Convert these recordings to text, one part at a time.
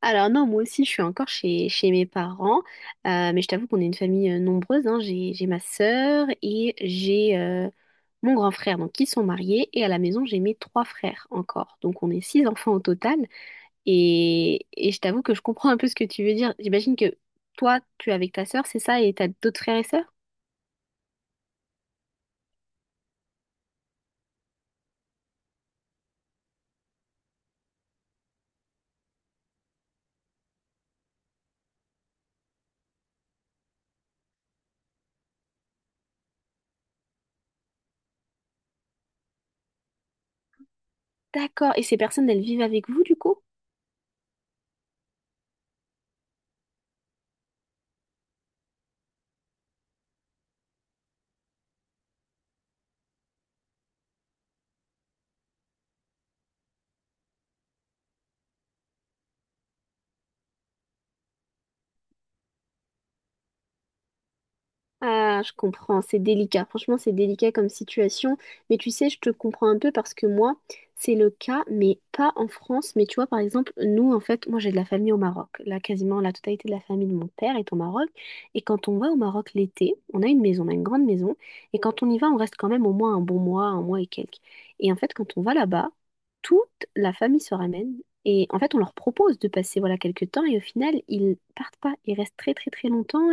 Alors non, moi aussi, je suis encore chez mes parents, mais je t'avoue qu'on est une famille nombreuse, hein. J'ai ma sœur et j'ai mon grand frère, donc qui sont mariés, et à la maison, j'ai mes trois frères encore. Donc on est six enfants au total, et je t'avoue que je comprends un peu ce que tu veux dire. J'imagine que toi, tu es avec ta sœur, c'est ça, et t'as d'autres frères et sœurs? D'accord, et ces personnes, elles vivent avec vous, du coup? Ah, je comprends, c'est délicat. Franchement, c'est délicat comme situation. Mais tu sais, je te comprends un peu parce que moi, c'est le cas, mais pas en France. Mais tu vois, par exemple, nous, en fait, moi, j'ai de la famille au Maroc. Là, quasiment la totalité de la famille de mon père est au Maroc. Et quand on va au Maroc l'été, on a une maison, on a une grande maison. Et quand on y va, on reste quand même au moins un bon mois, un mois et quelques. Et en fait, quand on va là-bas, toute la famille se ramène. Et en fait, on leur propose de passer voilà quelques temps et au final, ils partent pas. Ils restent très très très longtemps.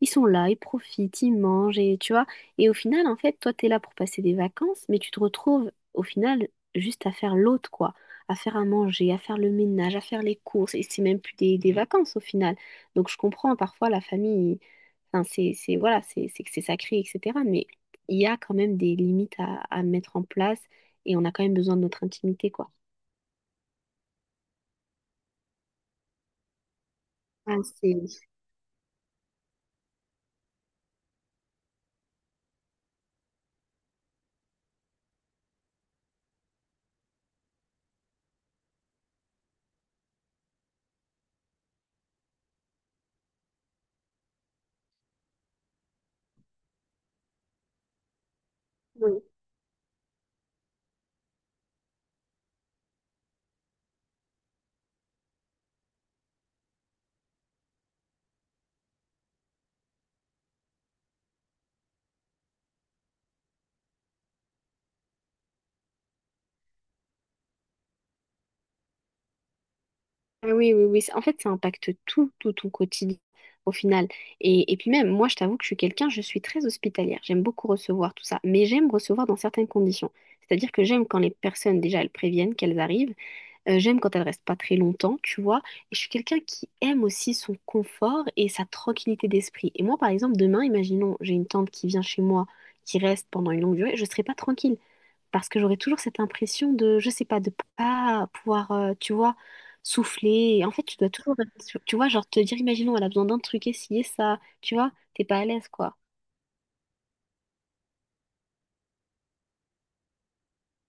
Ils sont là, ils profitent, ils mangent, et tu vois. Et au final, en fait, toi, t'es là pour passer des vacances, mais tu te retrouves, au final, juste à faire l'autre, quoi. À faire à manger, à faire le ménage, à faire les courses. Et c'est même plus des vacances, au final. Donc, je comprends, parfois, la famille, enfin, voilà, c'est que c'est sacré, etc. Mais il y a quand même des limites à mettre en place, et on a quand même besoin de notre intimité, quoi. Ah, oui. Ah, oui, oui, oui. En fait, ça impacte tout ton quotidien au final. Et puis même, moi, je t'avoue que je suis quelqu'un, je suis très hospitalière. J'aime beaucoup recevoir tout ça, mais j'aime recevoir dans certaines conditions. C'est-à-dire que j'aime quand les personnes, déjà, elles préviennent qu'elles arrivent. J'aime quand elles restent pas très longtemps, tu vois. Et je suis quelqu'un qui aime aussi son confort et sa tranquillité d'esprit. Et moi, par exemple, demain, imaginons, j'ai une tante qui vient chez moi, qui reste pendant une longue durée, je serai pas tranquille parce que j'aurais toujours cette impression de, je sais pas, de pas pouvoir, tu vois, souffler. Et en fait, tu dois toujours, tu vois, genre te dire, imaginons, elle a besoin d'un truc, essayer ça, tu vois, t'es pas à l'aise, quoi.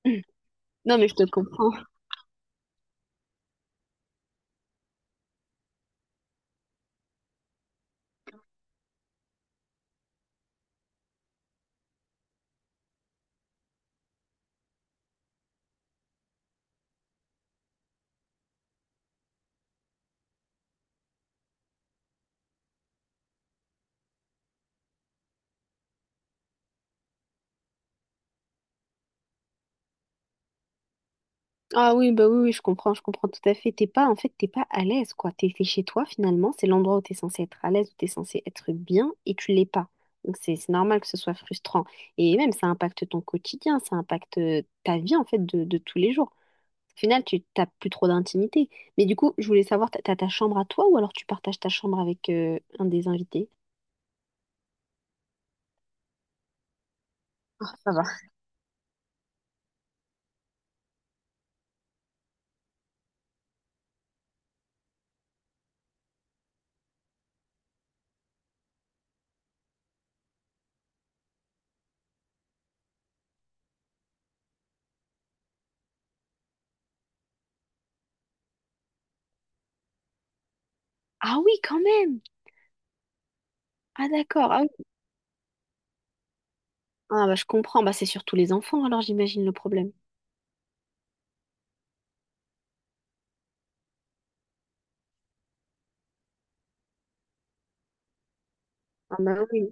Mm. Non, mais je te comprends. Ah oui, bah oui, oui, je comprends tout à fait. T'es pas, en fait, t'es pas à l'aise, quoi. T'es chez toi, finalement, c'est l'endroit où t'es censé être à l'aise, où t'es censé être bien, et tu l'es pas. Donc c'est normal que ce soit frustrant. Et même, ça impacte ton quotidien, ça impacte ta vie, en fait, de tous les jours. Au final, tu t'as plus trop d'intimité. Mais du coup, je voulais savoir, t'as ta chambre à toi ou alors tu partages ta chambre avec un des invités? Ça va. Ah oui, quand même! Ah d'accord, ah oui. Ah bah je comprends, bah c'est surtout les enfants alors j'imagine le problème. Ah bah oui,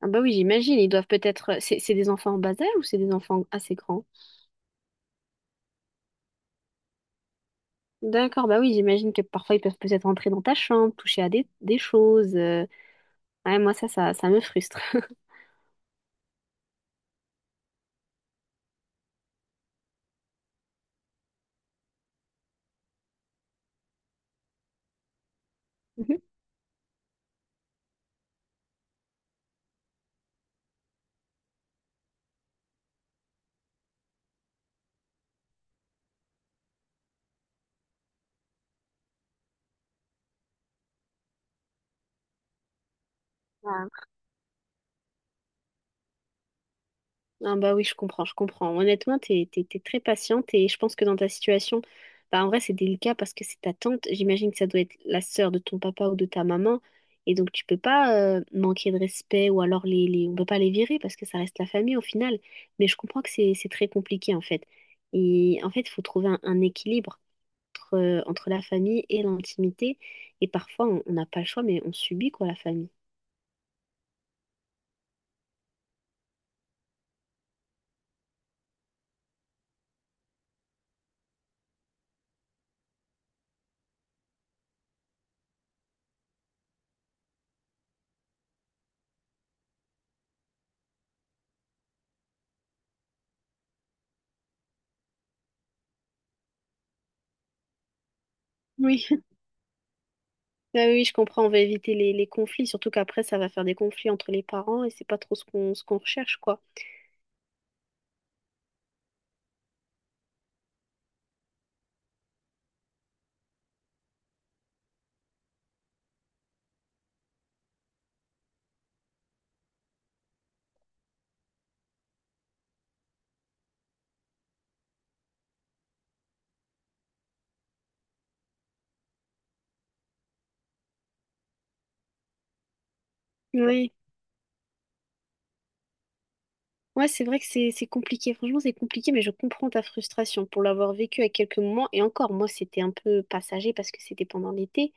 ah bah oui j'imagine, ils doivent peut-être... C'est des enfants en bas âge ou c'est des enfants assez grands? D'accord, bah oui j'imagine que parfois ils peuvent peut-être entrer dans ta chambre, toucher à des choses. Ouais, moi ça me frustre. Ah. Ah bah oui, je comprends, je comprends. Honnêtement, t'es très patiente et je pense que dans ta situation, bah en vrai, c'est délicat parce que c'est ta tante. J'imagine que ça doit être la sœur de ton papa ou de ta maman. Et donc, tu peux pas manquer de respect ou alors on peut pas les virer parce que ça reste la famille au final. Mais je comprends que c'est très compliqué en fait. Et en fait, il faut trouver un équilibre entre la famille et l'intimité. Et parfois, on n'a pas le choix, mais on subit quoi la famille. Oui. Ah oui, oui, je comprends, on va éviter les conflits, surtout qu'après, ça va faire des conflits entre les parents et c'est pas trop ce qu'on recherche, quoi. Oui, ouais, c'est vrai que c'est compliqué, franchement, c'est compliqué, mais je comprends ta frustration pour l'avoir vécu à quelques moments. Et encore, moi, c'était un peu passager parce que c'était pendant l'été,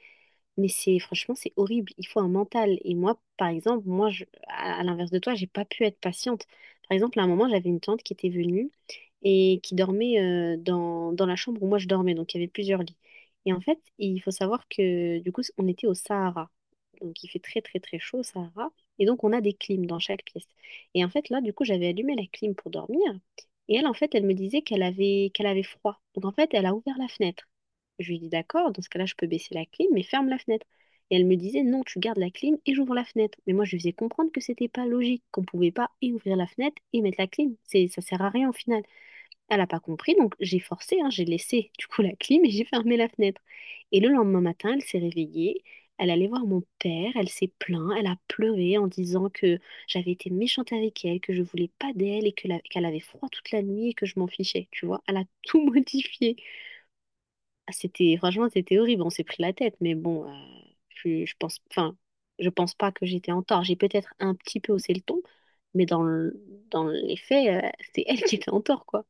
mais c'est franchement, c'est horrible, il faut un mental. Et moi, par exemple, moi, je, à l'inverse de toi, j'ai pas pu être patiente. Par exemple, à un moment, j'avais une tante qui était venue. Et qui dormait dans la chambre où moi je dormais. Donc il y avait plusieurs lits. Et en fait, il faut savoir que du coup, on était au Sahara. Donc il fait très très très chaud au Sahara. Et donc on a des clims dans chaque pièce. Et en fait, là, du coup, j'avais allumé la clim pour dormir. Et elle, en fait, elle me disait qu'elle avait froid. Donc en fait, elle a ouvert la fenêtre. Je lui ai dit d'accord, dans ce cas-là, je peux baisser la clim, mais ferme la fenêtre. Et elle me disait non, tu gardes la clim et j'ouvre la fenêtre. Mais moi, je lui faisais comprendre que c'était pas logique, qu'on pouvait pas et ouvrir la fenêtre et mettre la clim. Ça sert à rien au final. Elle n'a pas compris, donc j'ai forcé, hein, j'ai laissé du coup la clim et j'ai fermé la fenêtre. Et le lendemain matin, elle s'est réveillée, elle allait voir mon père, elle s'est plainte, elle a pleuré en disant que j'avais été méchante avec elle, que je voulais pas d'elle et que qu'elle avait froid toute la nuit et que je m'en fichais, tu vois. Elle a tout modifié. Ah, c'était, franchement, c'était horrible, on s'est pris la tête, mais bon, je pense, enfin, je pense pas que j'étais en tort. J'ai peut-être un petit peu haussé le ton, mais dans les faits, c'est elle qui était en tort, quoi.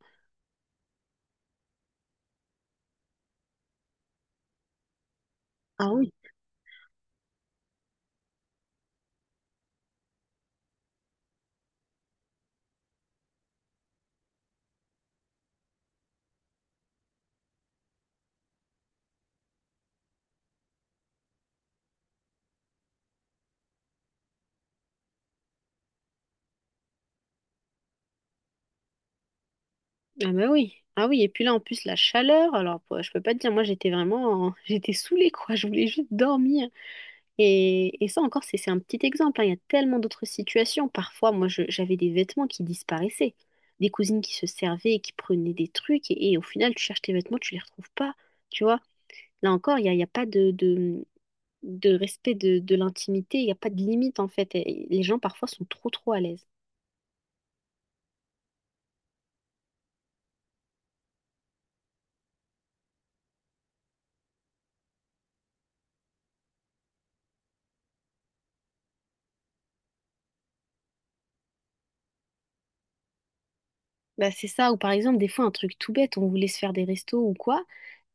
Ah oui. Ah bah oui. Ah oui, et puis là en plus la chaleur, alors je peux pas te dire, moi j'étais vraiment, j'étais saoulée quoi, je voulais juste dormir. Et ça encore c'est un petit exemple, hein. Il y a tellement d'autres situations. Parfois moi j'avais des vêtements qui disparaissaient, des cousines qui se servaient, et qui prenaient des trucs et au final tu cherches tes vêtements, tu les retrouves pas, tu vois. Là encore il y a pas de respect de l'intimité, il y a pas de limite en fait. Et les gens parfois sont trop trop à l'aise. Bah, c'est ça, ou par exemple, des fois, un truc tout bête, on voulait se faire des restos ou quoi,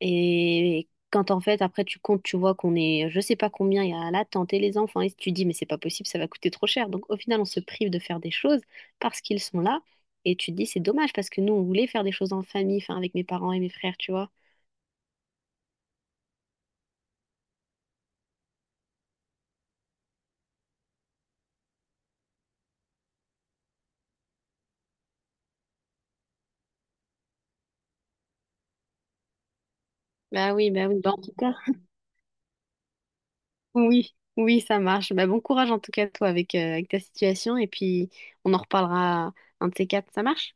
et quand en fait, après, tu comptes, tu vois qu'on est, je sais pas combien, il y a là, et les enfants, et tu dis, mais c'est pas possible, ça va coûter trop cher. Donc, au final, on se prive de faire des choses parce qu'ils sont là, et tu te dis, c'est dommage, parce que nous, on voulait faire des choses en famille, enfin, avec mes parents et mes frères, tu vois. Bah oui, bah oui, bah en tout cas, oui, oui, ça marche. Bah, bon courage en tout cas, toi, avec, avec ta situation, et puis, on en reparlera un de ces quatre, ça marche?